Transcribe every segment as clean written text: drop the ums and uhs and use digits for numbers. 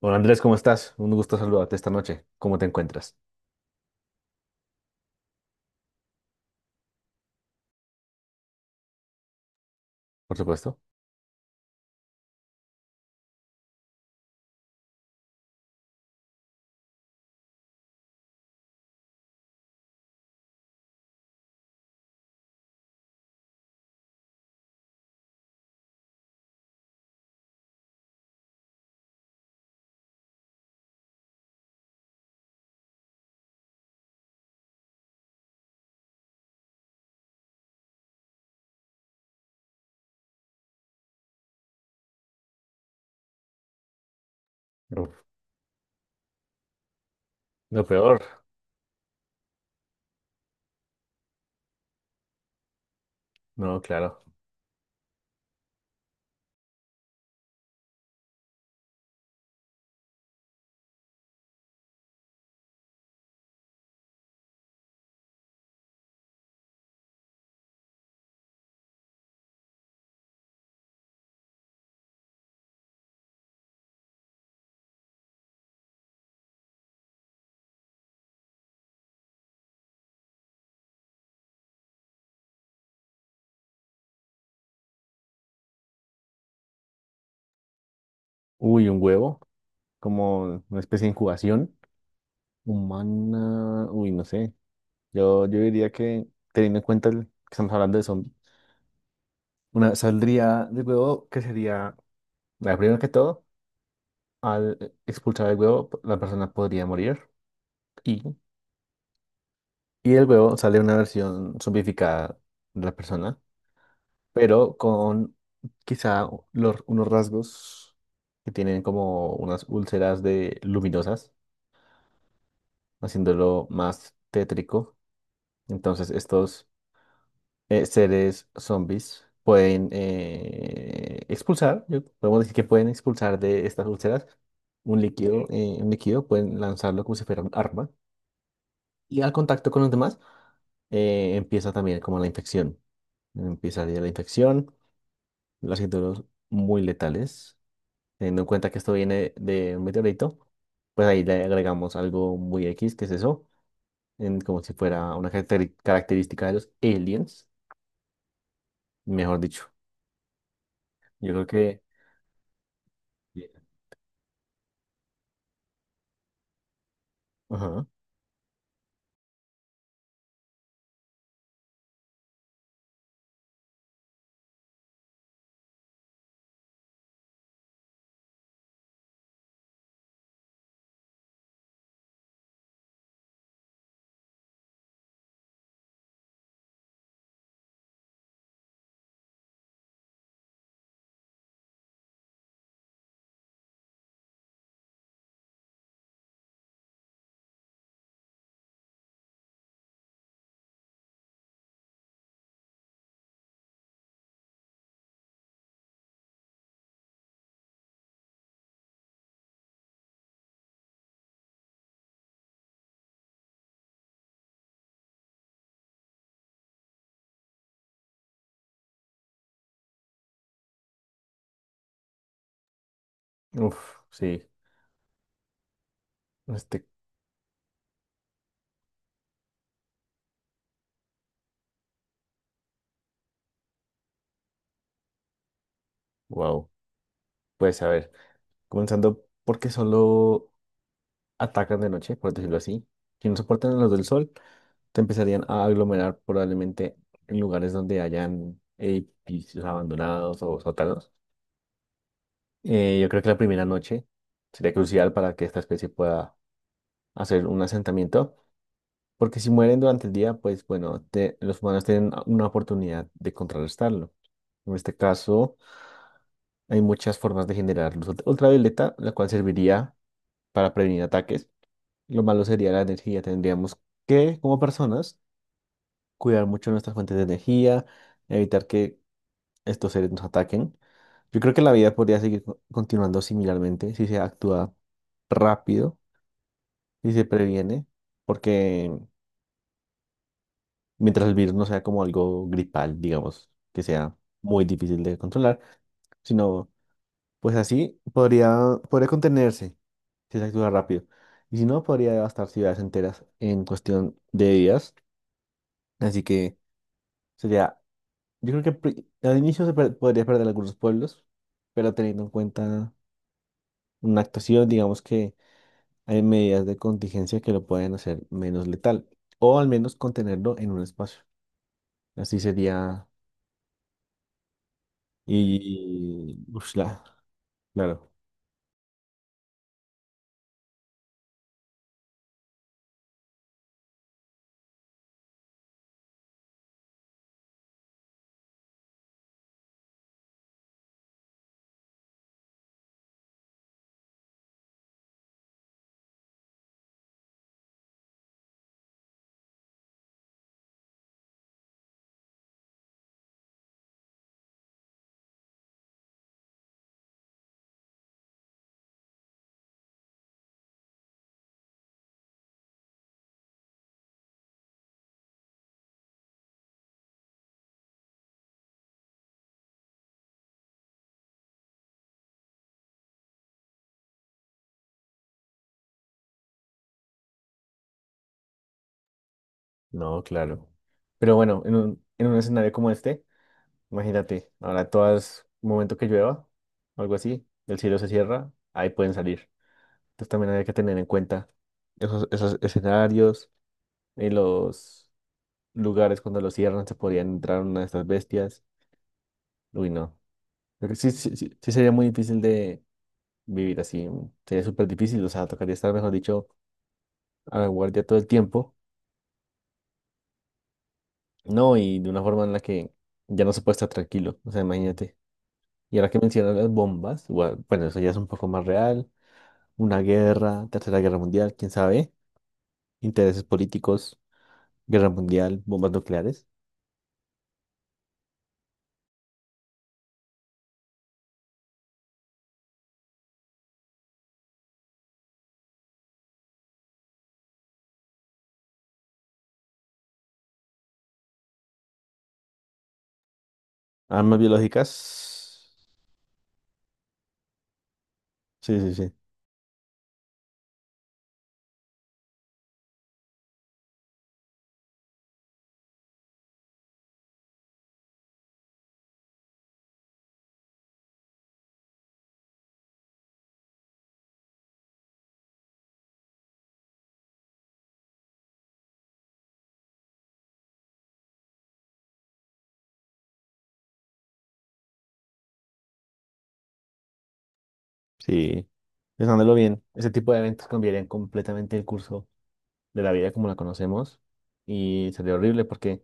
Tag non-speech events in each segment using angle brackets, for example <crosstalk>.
Hola Andrés, ¿cómo estás? Un gusto saludarte esta noche. ¿Cómo te encuentras? Por supuesto. Uf, lo peor. No, claro. Uy, un huevo, como una especie de incubación humana. Uy, no sé. Yo diría que, teniendo en cuenta que estamos hablando de zombies, una saldría del huevo que sería, la primera que todo, al expulsar el huevo, la persona podría morir y, y del huevo sale una versión zombificada de la persona pero con quizá unos rasgos que tienen como unas úlceras de luminosas, haciéndolo más tétrico. Entonces estos seres zombies pueden expulsar, podemos decir que pueden expulsar de estas úlceras un líquido, pueden lanzarlo como si fuera un arma. Y al contacto con los demás empieza también como la infección. Empieza la infección, haciéndolos muy letales. Teniendo en cuenta que esto viene de un meteorito, pues ahí le agregamos algo muy X, que es eso, como si fuera una característica de los aliens, mejor dicho. Yo creo que... Ajá. Uf, sí. Este, wow. Pues a ver, comenzando porque solo atacan de noche, por decirlo así. Si no soportan a los del sol, te empezarían a aglomerar probablemente en lugares donde hayan edificios abandonados o sótanos. Yo creo que la primera noche sería crucial para que esta especie pueda hacer un asentamiento, porque si mueren durante el día, pues bueno, los humanos tienen una oportunidad de contrarrestarlo. En este caso, hay muchas formas de generar luz ultravioleta, la cual serviría para prevenir ataques. Lo malo sería la energía. Tendríamos que, como personas, cuidar mucho nuestras fuentes de energía, evitar que estos seres nos ataquen. Yo creo que la vida podría seguir continuando similarmente si se actúa rápido y se previene, porque mientras el virus no sea como algo gripal, digamos, que sea muy difícil de controlar, sino pues así podría contenerse si se actúa rápido. Y si no, podría devastar ciudades enteras en cuestión de días. Así que sería, yo creo que al inicio podría perder algunos pueblos, pero teniendo en cuenta una actuación, digamos que hay medidas de contingencia que lo pueden hacer menos letal, o al menos contenerlo en un espacio. Así sería. Y... ushla, claro, no, claro. Pero bueno, en en un escenario como este, imagínate, ahora todas, un momento que llueva, o algo así, el cielo se cierra, ahí pueden salir. Entonces también hay que tener en cuenta esos escenarios, en los lugares cuando los cierran se podían entrar una de estas bestias. Uy, no. Creo que sí, sí, sí, sí sería muy difícil de vivir así. Sería súper difícil, o sea, tocaría estar, mejor dicho, a la guardia todo el tiempo. No, y de una forma en la que ya no se puede estar tranquilo, o sea, imagínate. Y ahora que mencionas las bombas, bueno, eso ya es un poco más real, una guerra, tercera guerra mundial, quién sabe, intereses políticos, guerra mundial, bombas nucleares, armas biológicas, sí, sí, sí, sí, pensándolo bien, ese tipo de eventos cambiarían completamente el curso de la vida como la conocemos y sería horrible porque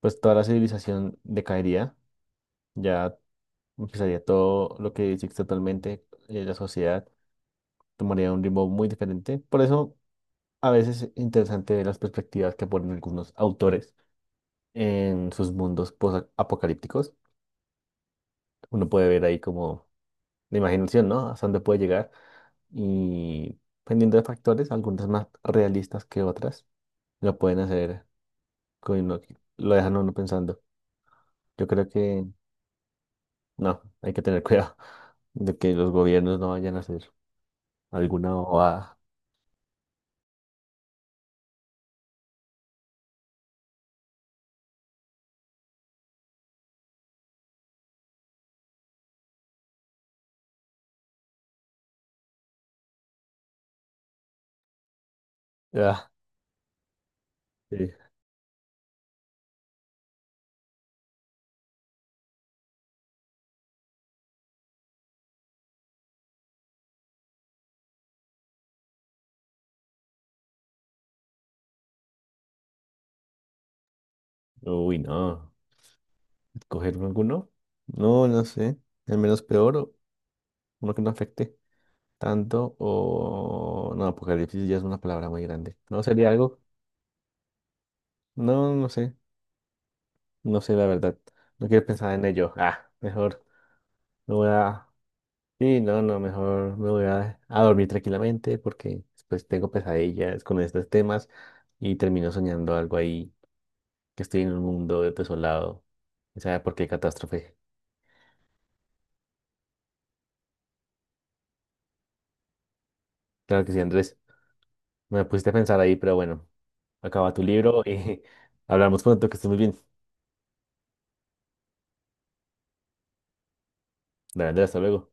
pues toda la civilización decaería, ya empezaría todo lo que existe actualmente, la sociedad tomaría un ritmo muy diferente. Por eso a veces es interesante ver las perspectivas que ponen algunos autores en sus mundos apocalípticos. Uno puede ver ahí como la imaginación, ¿no? Hasta dónde puede llegar y dependiendo de factores, algunas más realistas que otras, lo pueden hacer que lo dejan a uno pensando. Yo creo que no, hay que tener cuidado <laughs> de que los gobiernos no vayan a hacer alguna bobada. Ah, sí. Uy, no. ¿Escoger alguno? No, no sé. El menos peor, o uno que no afecte tanto, o... No, apocalipsis ya es una palabra muy grande. ¿No sería algo? No, no sé. No sé, la verdad. No quiero pensar en ello. Ah, mejor me voy a... Sí, no, no, mejor me voy a dormir tranquilamente porque después tengo pesadillas con estos temas y termino soñando algo ahí, que estoy en un mundo desolado. ¿Quién sabe por qué catástrofe? Claro que sí, Andrés. Me pusiste a pensar ahí, pero bueno. Acaba tu libro y <laughs> hablamos pronto, que estés muy bien. Dale, Andrea, hasta luego.